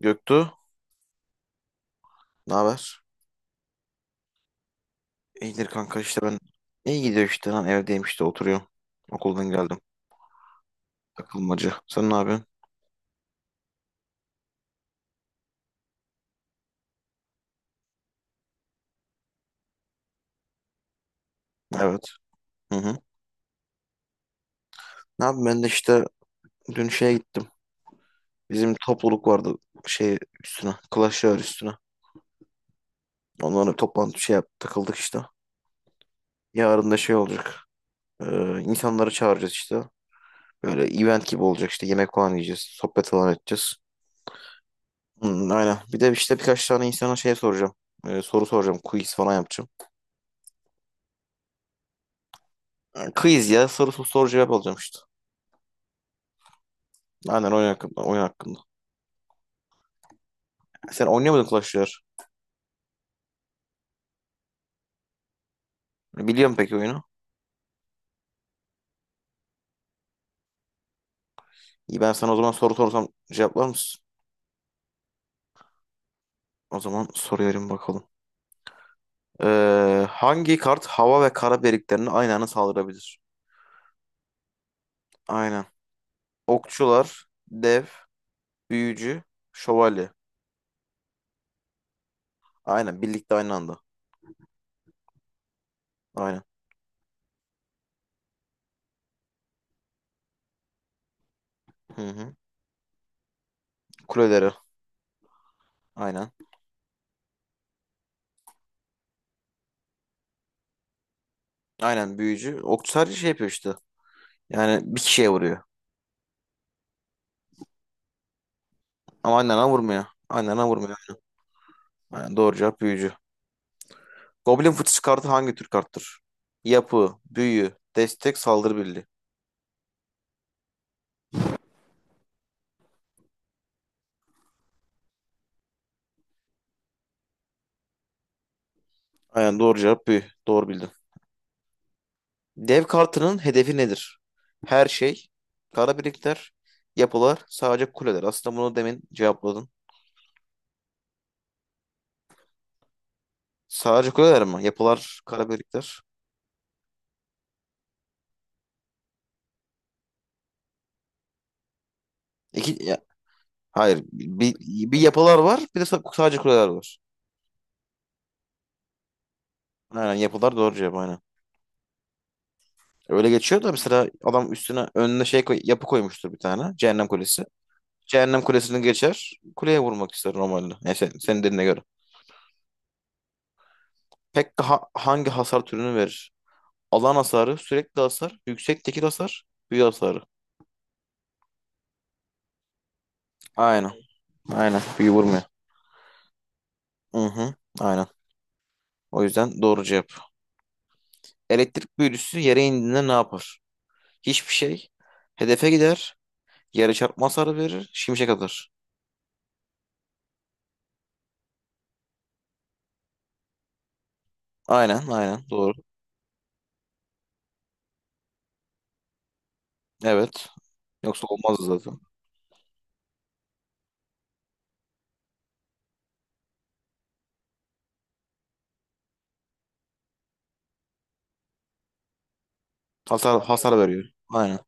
Göktuğ, ne haber? İyidir kanka işte ben. İyi gidiyor işte lan evdeyim işte oturuyorum. Okuldan geldim. Takılmacı. Sen ne yapıyorsun? Evet. Hı hı. Ne yapayım ben de işte dün şeye gittim. Bizim topluluk vardı şey üstüne. Clash Royale üstüne. Onlara toplantı şey yaptık takıldık işte. Yarın da şey olacak. İnsanları çağıracağız işte. Böyle event gibi olacak işte. Yemek falan yiyeceğiz. Sohbet falan edeceğiz. Hı, aynen. Bir de işte birkaç tane insana şey soracağım. Soru soracağım. Quiz falan yapacağım. Quiz ya sorusu soru cevap alacağım işte. Aynen oyun hakkında. Oyun hakkında. Sen oynayamadın Clash Royale. Biliyorum peki oyunu. İyi ben sana o zaman soru sorsam cevaplar mısın? O zaman soruyorum bakalım. Hangi kart hava ve kara birliklerini aynı anda saldırabilir? Aynen. Okçular, dev, büyücü, şövalye. Aynen birlikte aynı anda. Aynen. Hı hı. Kuleleri. Aynen. Aynen büyücü. Okçu sadece şey yapıyor işte. Yani bir kişiye vuruyor. Ama aynı anda vurmuyor. Aynı anda vurmuyor. Aynen, doğru cevap büyücü. Goblin fıçısı kartı hangi tür karttır? Yapı, büyü, destek, saldırı birliği. Aynen doğru cevap büyü. Doğru bildin. Dev kartının hedefi nedir? Her şey, kara birlikler, yapılar, sadece kuleler. Aslında bunu demin cevapladın. Sadece kuleler mi? Yapılar, kara birlikler. İki, hayır. Bir, bir yapılar var, bir de sadece kuleler var. Aynen yapılar doğru cevap aynen. Öyle geçiyor da mesela adam üstüne önüne şey koy, yapı koymuştur bir tane. Cehennem Kulesi. Cehennem kulesini geçer. Kuleye vurmak ister normalde. Yani sen, senin dediğine göre. Pekka hangi hasar türünü verir? Alan hasarı, sürekli hasar, yüksek tekil hasar, büyü hasarı. Aynen. Aynen. Büyü vurmuyor. Hı hı. Aynen. O yüzden doğru cevap. Elektrik büyücüsü yere indiğinde ne yapar? Hiçbir şey. Hedefe gider. Yere çarpma hasarı verir. Şimşek atar. Aynen. Aynen. Doğru. Evet. Yoksa olmazdı zaten. Hasar veriyor. Aynen.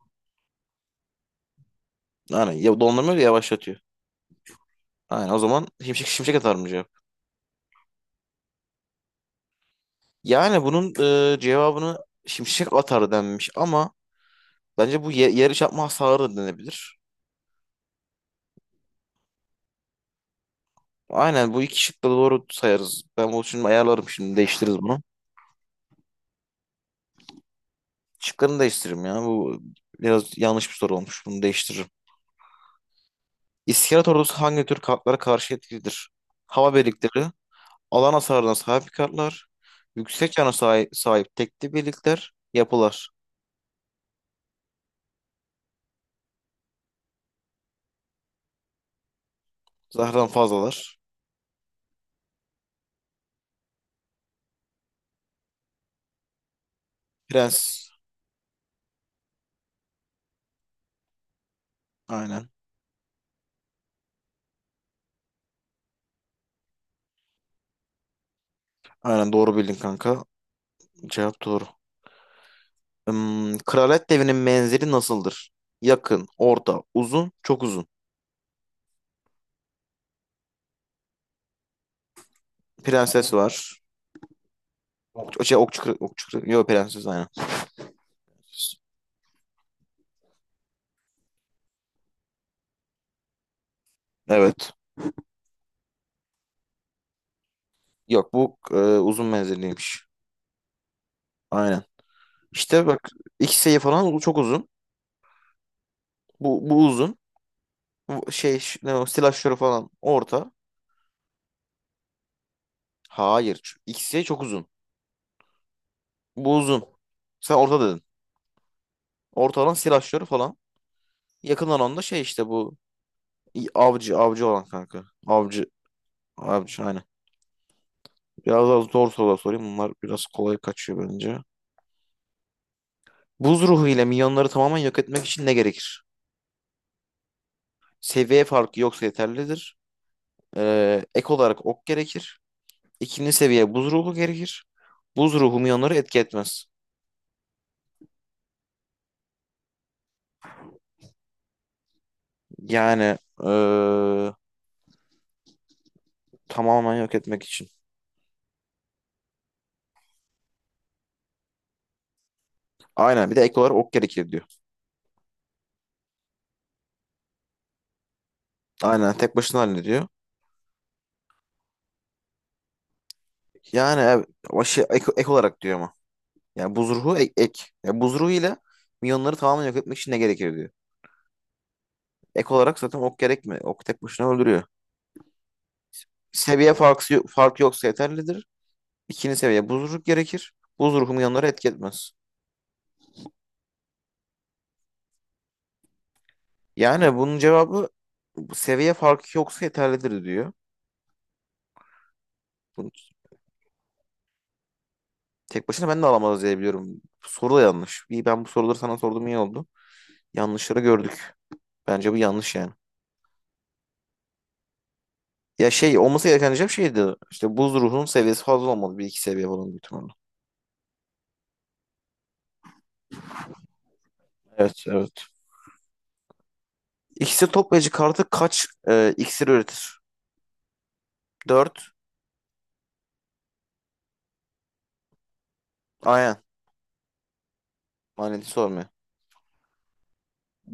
Aynen. Ya dondurma öyle yavaşlatıyor. Aynen. O zaman şimşek atar mı cevap? Yani bunun cevabını şimşek atar denmiş ama bence bu ye yarı çarpma hasarı denebilir. Aynen bu iki şık da doğru sayarız. Ben bunu şimdi ayarlarım şimdi değiştiririz bunu. Şıklarını değiştiririm ya. Bu biraz yanlış bir soru olmuş. Bunu değiştiririm. İskelet ordusu hangi tür kartlara karşı etkilidir? Hava birlikleri, alan hasarına sahip kartlar, yüksek cana sahip tekli birlikler, yapılar. Zahran fazlalar. Prens. Aynen. Aynen doğru bildin kanka. Cevap doğru. Hmm, Kraliyet devinin menzili nasıldır? Yakın, orta, uzun, çok uzun. Prenses var. Ok, şey, okçu, okçu, yok prenses aynen. Evet. Yok bu uzun menzilliymiş. Aynen. İşte bak iki sayı falan çok uzun. Bu uzun. Bu Şey ne o, silajları falan orta. Hayır. İkisi çok uzun. Bu uzun. Sen orta dedin. Orta olan silajları falan. Yakın olan da şey işte bu avcı avcı olan kanka. Avcı avcı aynen. Biraz daha zor sorular sorayım. Bunlar biraz kolay kaçıyor bence. Buz ruhu ile milyonları tamamen yok etmek için ne gerekir? Seviye farkı yoksa yeterlidir. Ek olarak ok gerekir. İkinci seviye buz ruhu gerekir. Buz ruhu milyonları etki etmez. Yani eee, tamamen yok etmek için. Aynen bir de ek olarak ok gerekir diyor. Aynen tek başına hallediyor. Yani başı ek, ek olarak diyor ama. Yani buz ruhu ek. Ek. Yani buz ruhu ile milyonları tamamen yok etmek için ne gerekir diyor. Ek olarak zaten ok gerekmiyor. Ok tek başına öldürüyor. Seviye farkı yoksa yeterlidir. İkinci seviye buz ruhu gerekir. Buz ruhu milyonları etki etmez. Yani bunun cevabı seviye farkı yoksa yeterlidir diyor. Bunu tek başına ben de alamaz diye biliyorum. Soru da yanlış. İyi ben bu soruları sana sorduğum iyi oldu. Yanlışları gördük. Bence bu yanlış yani. Ya şey olması gereken diyeceğim şeydi. İşte buz ruhunun seviyesi fazla olmalı. Bir iki seviye falan büyük ihtimalle. Evet. İksir toplayıcı kartı kaç iksir üretir? Dört. Aynen. Maneti sormuyor.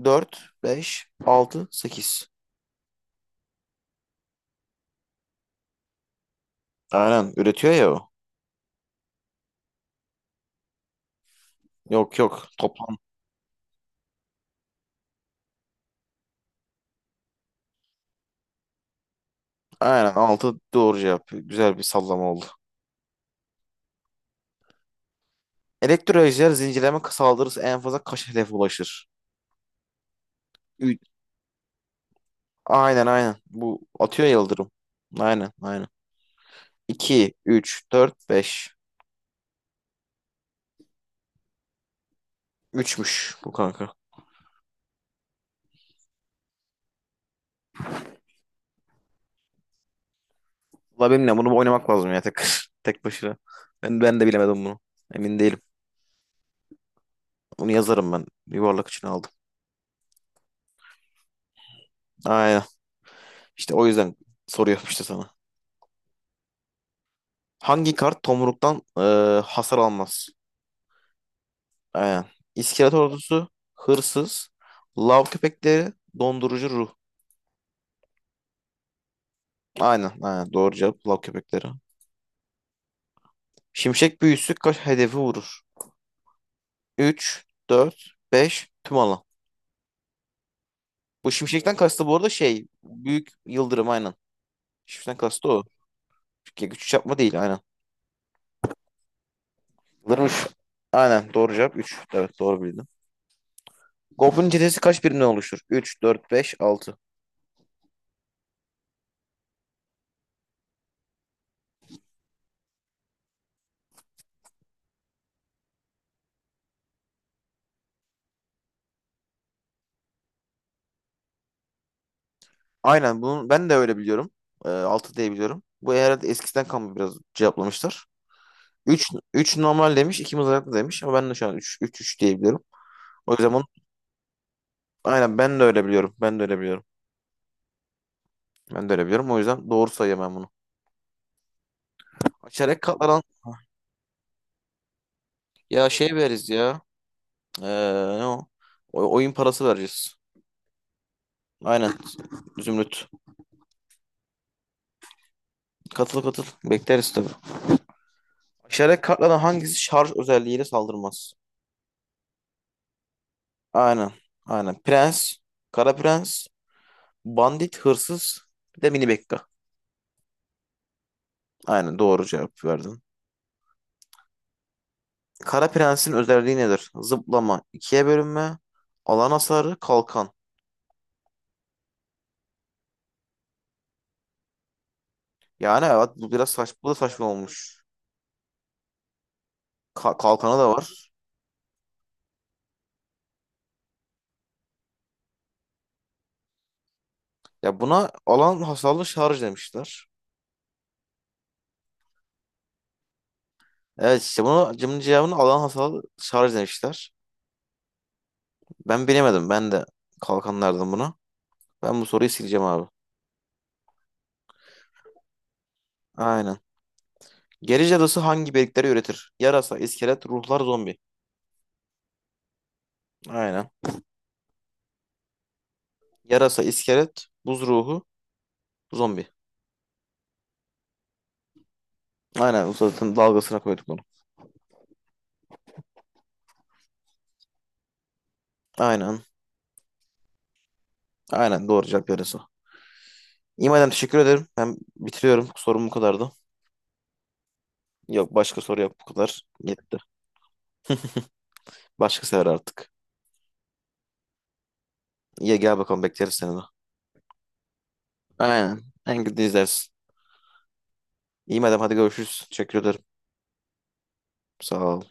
Dört, beş, altı, sekiz. Aynen. Üretiyor ya o. Yok yok. Toplam. Aynen, 6 doğru cevap. Güzel bir sallama oldu. Elektrolizer zincirleme saldırısı en fazla kaç hedefe ulaşır? 3. Aynen aynen. Bu atıyor ya yıldırım. Aynen aynen. 2, 3, 4, 5. Üçmüş bu kanka. Valla benimle bunu oynamak lazım ya tek tek başına. Ben de bilemedim bunu. Emin değilim. Bunu yazarım ben. Yuvarlak için aldım. Aynen. İşte o yüzden soru yapmıştı sana. Hangi kart tomruktan hasar almaz? Aynen. İskelet ordusu, hırsız, lav köpekleri, dondurucu ruh. Aynen, aynen. Doğru cevap lav köpekleri. Şimşek büyüsü kaç hedefi vurur? 3, 4, 5 tüm alan. Bu şimşekten kastı bu arada şey büyük yıldırım aynen. Shift'ten kastı o. Çünkü Güç çarpma değil aynen. Vuruş. Aynen doğru cevap 3. Evet doğru bildim. Goblin çetesi kaç birimden oluşur? 3, 4, 5, 6. Aynen bunu ben de öyle biliyorum. 6 diye biliyorum. Bu herhalde eskiden kalma biraz cevaplamışlar. 3, 3 normal demiş, 2 mızraklı demiş ama ben de şu an 3, 3, 3 diye biliyorum. O yüzden bunu aynen ben de öyle biliyorum. Ben de öyle biliyorum. Ben de öyle biliyorum. O yüzden doğru sayıyorum ben bunu. Çeyrek katlanan ya şey veririz ya. Ee, Ne o? Oyun parası vereceğiz. Aynen. Zümrüt. Katıl katıl. Bekleriz tabii. Aşağıdaki kartlardan hangisi şarj özelliğiyle saldırmaz? Aynen. Aynen. Prens, Kara Prens, Bandit, Hırsız, bir de Mini Bekka. Aynen doğru cevap verdin. Kara Prens'in özelliği nedir? Zıplama, ikiye bölünme, alan hasarı, kalkan. Yani evet bu biraz saç, bu da saçma olmuş. Kalkanı da var. Ya buna alan hasarlı şarj demişler. Evet işte bunu cımın cevabını alan hasarlı şarj demişler. Ben bilemedim. Ben de kalkanlardım buna. Ben bu soruyu sileceğim abi. Aynen. Geri cadısı hangi birlikleri üretir? Yarasa, iskelet, ruhlar, zombi. Aynen. Yarasa, iskelet, buz ruhu, zombi. Aynen. Bu zaten dalgasına koyduk bunu. Aynen. Aynen. Doğru cevap yarasa. İyi madem teşekkür ederim. Ben bitiriyorum. Sorum bu kadardı. Yok başka soru yok bu kadar. Yetti. Başka sefer artık. İyi gel bakalım bekleriz seni de. Aynen. En kötü izlersin. İyi madem hadi görüşürüz. Teşekkür ederim. Sağ ol.